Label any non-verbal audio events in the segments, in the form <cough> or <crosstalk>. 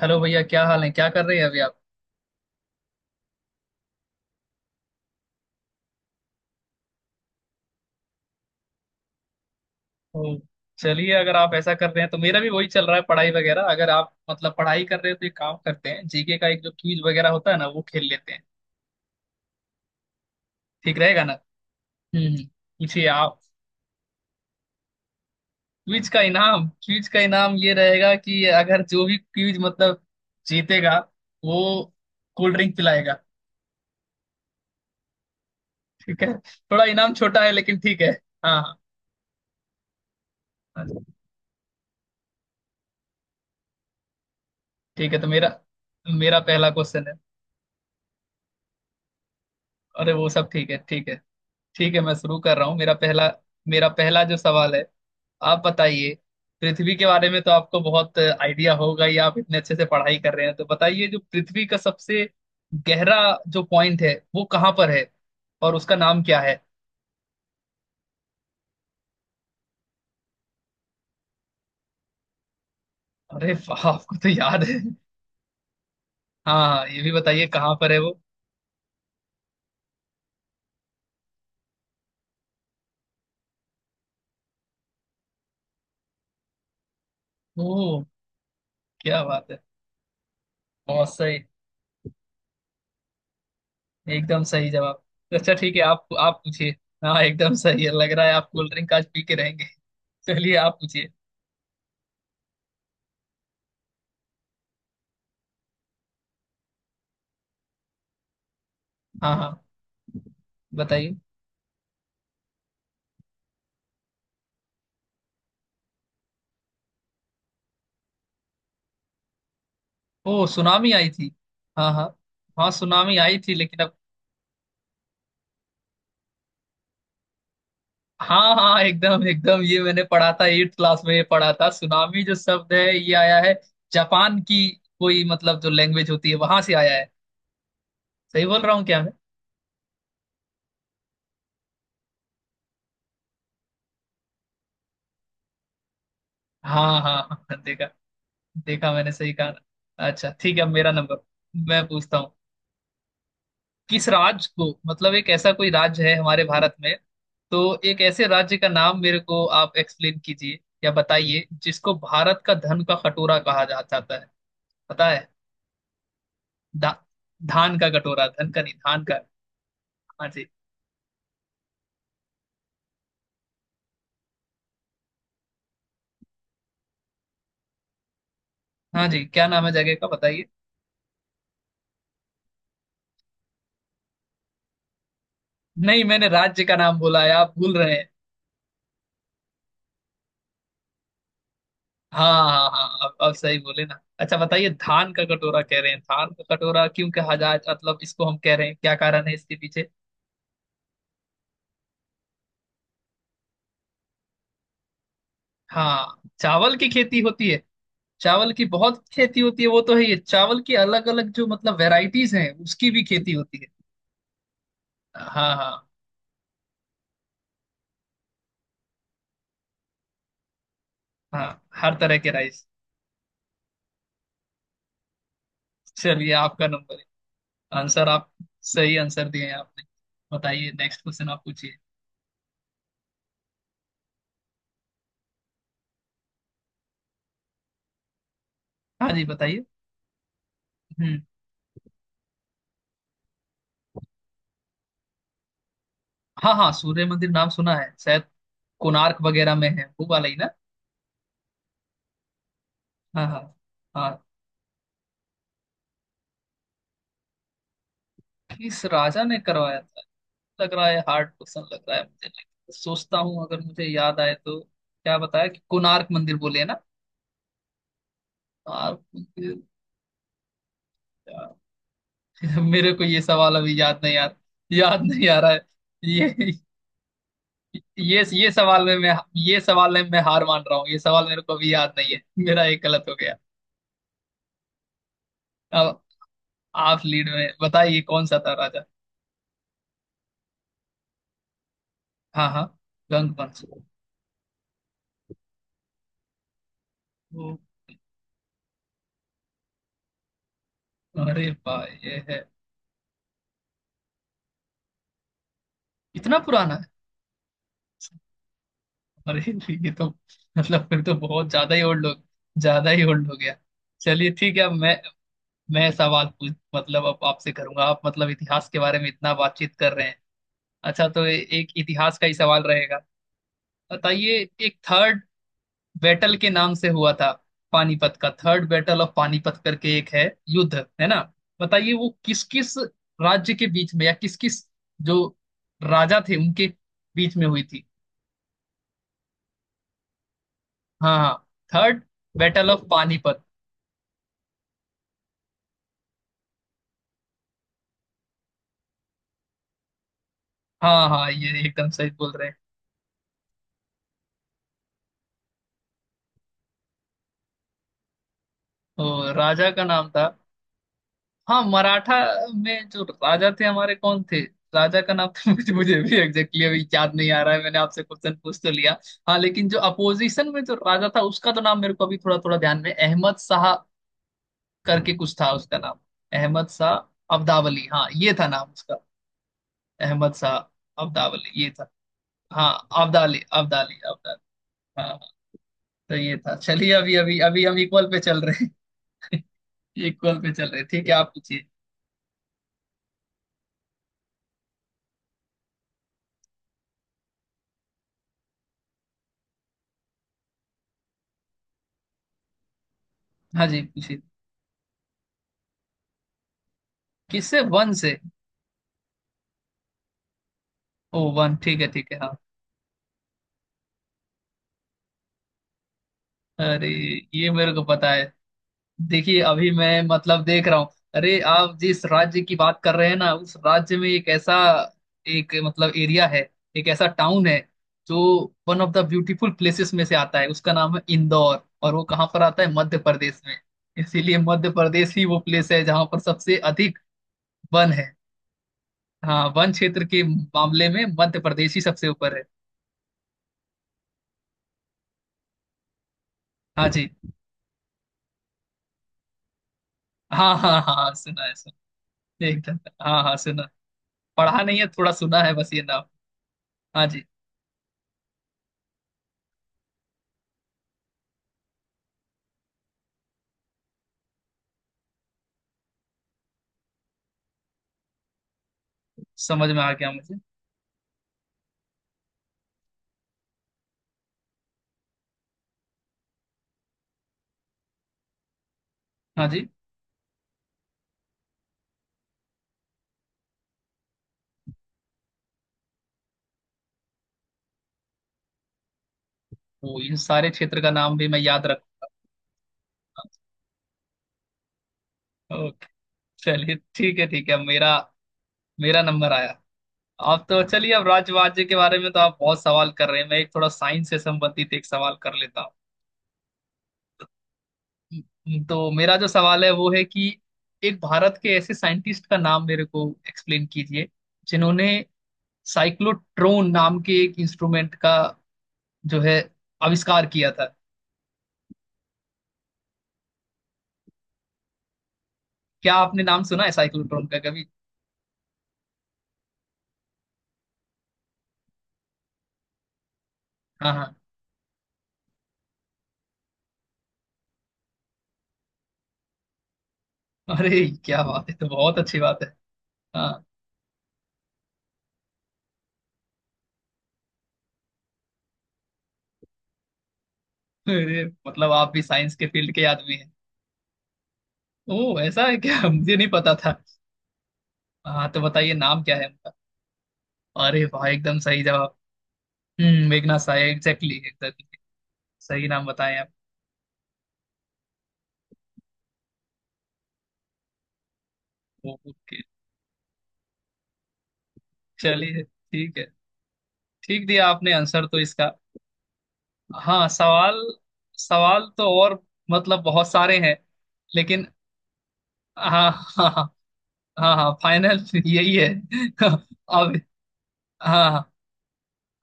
Hello भैया क्या हाल है। क्या कर रहे हैं अभी आप। ओ, चलिए अगर आप ऐसा कर रहे हैं तो मेरा भी वही चल रहा है पढ़ाई वगैरह। अगर आप मतलब पढ़ाई कर रहे हो तो एक काम करते हैं, जीके का एक जो क्विज वगैरह होता है ना वो खेल लेते हैं। ठीक रहेगा ना। पूछिए आप। क्विज का इनाम ये रहेगा कि अगर जो भी क्विज मतलब जीतेगा वो कोल्ड ड्रिंक पिलाएगा। ठीक है थोड़ा इनाम छोटा है लेकिन ठीक है। हाँ। हाँ। ठीक है तो मेरा मेरा पहला क्वेश्चन है। अरे वो सब ठीक है ठीक है। ठीक है मैं शुरू कर रहा हूँ मेरा पहला। मेरा पहला जो सवाल है आप बताइए। पृथ्वी के बारे में तो आपको बहुत आइडिया होगा या आप इतने अच्छे से पढ़ाई कर रहे हैं, तो बताइए जो पृथ्वी का सबसे गहरा जो पॉइंट है वो कहाँ पर है और उसका नाम क्या है। अरे वाह आपको तो याद है। हाँ हाँ, ये भी बताइए कहाँ पर है वो। ओह। क्या बात है। बहुत सही। एकदम सही जवाब। अच्छा ठीक है आप पूछिए। हाँ एकदम सही है, लग रहा है आप कोल्ड ड्रिंक आज पी के रहेंगे। चलिए आप पूछिए। हाँ हाँ, बताइए। ओ सुनामी आई थी। हाँ हाँ हाँ, सुनामी आई थी लेकिन अब। हाँ हाँ एकदम एकदम ये मैंने पढ़ा था एट क्लास में ये पढ़ा था। सुनामी जो शब्द है ये आया है जापान की कोई मतलब जो लैंग्वेज होती है वहां से आया है। सही बोल रहा हूँ क्या मैं। हाँ हाँ हाँ देखा। देखा मैंने सही कहा ना। अच्छा ठीक है अब मेरा नंबर, मैं पूछता हूँ। किस राज्य को मतलब एक ऐसा कोई राज्य है हमारे भारत में तो एक ऐसे राज्य का नाम मेरे को आप एक्सप्लेन कीजिए या बताइए जिसको भारत का धन का कटोरा कहा जा जाता है। पता है। धा, धान का कटोरा, धन का नहीं, धान का। हाँ जी। हाँ जी क्या नाम है जगह का बताइए। नहीं मैंने राज्य का नाम बोला है आप भूल रहे हैं। हाँ हाँ हाँ अब सही बोले ना। अच्छा बताइए, धान का कटोरा कह रहे हैं, धान का कटोरा क्यों कहा जा मतलब इसको हम कह रहे हैं, क्या कारण है इसके पीछे। हाँ चावल की खेती होती है, चावल की बहुत खेती होती है वो तो है, ये चावल की अलग अलग जो मतलब वेराइटीज हैं उसकी भी खेती होती है। हाँ हाँ हाँ हर तरह के राइस। चलिए आपका नंबर है। आंसर आप सही आंसर दिए हैं आपने। बताइए नेक्स्ट क्वेश्चन आप पूछिए। हाँ जी बताइए। हम्म। हाँ हाँ सूर्य मंदिर नाम सुना है शायद, कोणार्क वगैरह में है वो वाला ही ना। हाँ हाँ हाँ। किस राजा ने करवाया था। लग रहा है हार्ड क्वेश्चन लग रहा है मुझे, लेकिन सोचता हूँ अगर मुझे याद आए तो। क्या बताया कि कोणार्क मंदिर बोले है ना। कोणार्क मंदिर। यार, <laughs> मेरे को ये सवाल अभी याद नहीं यार। याद नहीं आ रहा है। ये ये ये सवाल में मैं, ये सवाल में मैं हार मान रहा हूँ, ये सवाल मेरे को अभी याद नहीं है। <laughs> मेरा एक गलत हो गया। अब आप लीड में बताइए कौन सा था राजा। हाँ हाँ। गंग वंश। ओ। अरे भाई ये है। इतना पुराना है। अरे ये तो मतलब फिर तो बहुत ज्यादा ही ओल्ड हो, ज्यादा ही ओल्ड हो गया। चलिए ठीक है अब मैं सवाल पूछ मतलब अब आपसे करूंगा। आप मतलब इतिहास के बारे में इतना बातचीत कर रहे हैं, अच्छा तो एक इतिहास का ही सवाल रहेगा। बताइए, एक थर्ड बैटल के नाम से हुआ था, पानीपत का, थर्ड बैटल ऑफ पानीपत करके एक है युद्ध है ना। बताइए वो किस किस राज्य के बीच में या किस किस जो राजा थे उनके बीच में हुई थी। हाँ हाँ। Third battle of Panipat. हाँ हाँ ये एकदम सही बोल रहे हैं। तो राजा का नाम था। हाँ मराठा में जो राजा थे हमारे कौन थे। राजा का नाम तो मुझे मुझे भी एग्जैक्टली अभी याद नहीं आ रहा है, मैंने आपसे क्वेश्चन पूछ तो लिया। हाँ लेकिन जो अपोजिशन में जो राजा था उसका तो नाम मेरे को अभी थोड़ा थोड़ा ध्यान में, अहमद शाह करके कुछ था उसका नाम। अहमद शाह अब्दावली, हाँ ये था नाम उसका। अहमद शाह अब्दावली ये था। हाँ अब्दाली अब्दाली अब्दाली। हाँ हाँ, तो ये था। चलिए अभी अभी अभी हम इक्वल पे चल रहे हैं। <laughs> इक्वल पे चल रहे हैं, ठीक है आप पूछिए। हाँ जी पूछिए। किससे, वन से। ओ वन, ठीक है हाँ। अरे ये मेरे को पता है। देखिए अभी मैं मतलब देख रहा हूँ। अरे आप जिस राज्य की बात कर रहे हैं ना उस राज्य में एक ऐसा एक मतलब एरिया है, एक ऐसा टाउन है जो one of the beautiful places में से आता है, उसका नाम है इंदौर, और वो कहाँ पर आता है मध्य प्रदेश में। इसीलिए मध्य प्रदेश ही वो प्लेस है जहाँ पर सबसे अधिक वन है। हाँ वन क्षेत्र के मामले में मध्य प्रदेश ही सबसे ऊपर है। हाँ जी। हाँ हाँ हाँ सुना है सुना। एकदम। हाँ हाँ सुना। पढ़ा नहीं है, थोड़ा सुना है बस ये नाम। हाँ जी। समझ में आ गया मुझे। हाँ जी। वो इन सारे क्षेत्र का नाम भी मैं याद रखूंगा। ओके। चलिए ठीक है मेरा, मेरा नंबर आया। आप तो चलिए अब राज्य के बारे में तो आप बहुत सवाल कर रहे हैं, मैं एक थोड़ा साइंस से संबंधित एक सवाल कर लेता हूँ। तो मेरा जो सवाल है वो है कि एक भारत के ऐसे साइंटिस्ट का नाम मेरे को एक्सप्लेन कीजिए जिन्होंने साइक्लोट्रॉन नाम के एक इंस्ट्रूमेंट का जो है आविष्कार किया था। क्या आपने नाम सुना है साइक्लोट्रॉन का कभी। हाँ हाँ। अरे क्या बात है तो, बहुत अच्छी बात है। हाँ। अरे मतलब आप भी साइंस के फील्ड के आदमी हैं। ओह ऐसा है क्या, मुझे नहीं पता था। हाँ तो बताइए नाम क्या है उनका। अरे वाह एकदम सही जवाब। मेघना साय, एग्जैक्टली एग्जैक्टली सही नाम बताएं आप। ओ, ओके। चलिए ठीक है, ठीक दिया आपने आंसर तो इसका। हाँ सवाल, सवाल तो और मतलब बहुत सारे हैं लेकिन। हाँ <laughs> हाँ। हाँ हाँ फाइनल यही है। <laughs> अब, हाँ हाँ।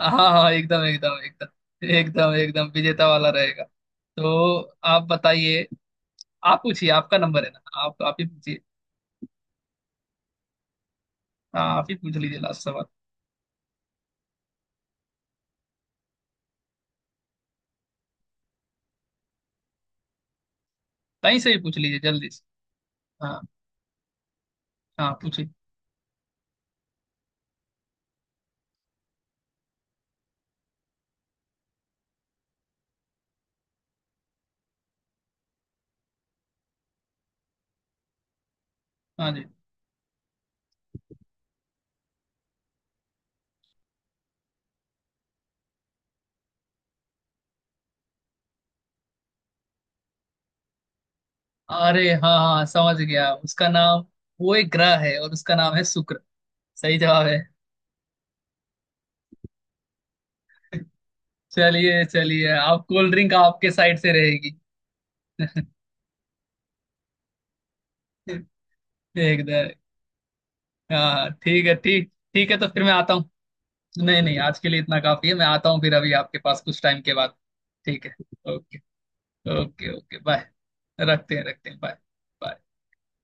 हाँ हाँ एकदम एकदम एकदम एकदम एकदम विजेता वाला रहेगा। तो आप बताइए। आप पूछिए आपका नंबर है ना, आप ही पूछिए। हाँ आप ही पूछ लीजिए लास्ट सवाल। कहीं से ही पूछ लीजिए जल्दी से। हाँ हाँ पूछिए। हाँ जी। अरे हाँ हाँ समझ गया उसका नाम। वो एक ग्रह है और उसका नाम है शुक्र। सही जवाब है। चलिए चलिए आप कोल्ड ड्रिंक आपके साइड से रहेगी। <laughs> एकदम। हाँ ठीक है ठीक ठीक है, तो फिर मैं आता हूँ। नहीं नहीं आज के लिए इतना काफी है, मैं आता हूँ फिर अभी आपके पास कुछ टाइम के बाद। ठीक है। Okay okay, okay bye. रखते हैं बाय।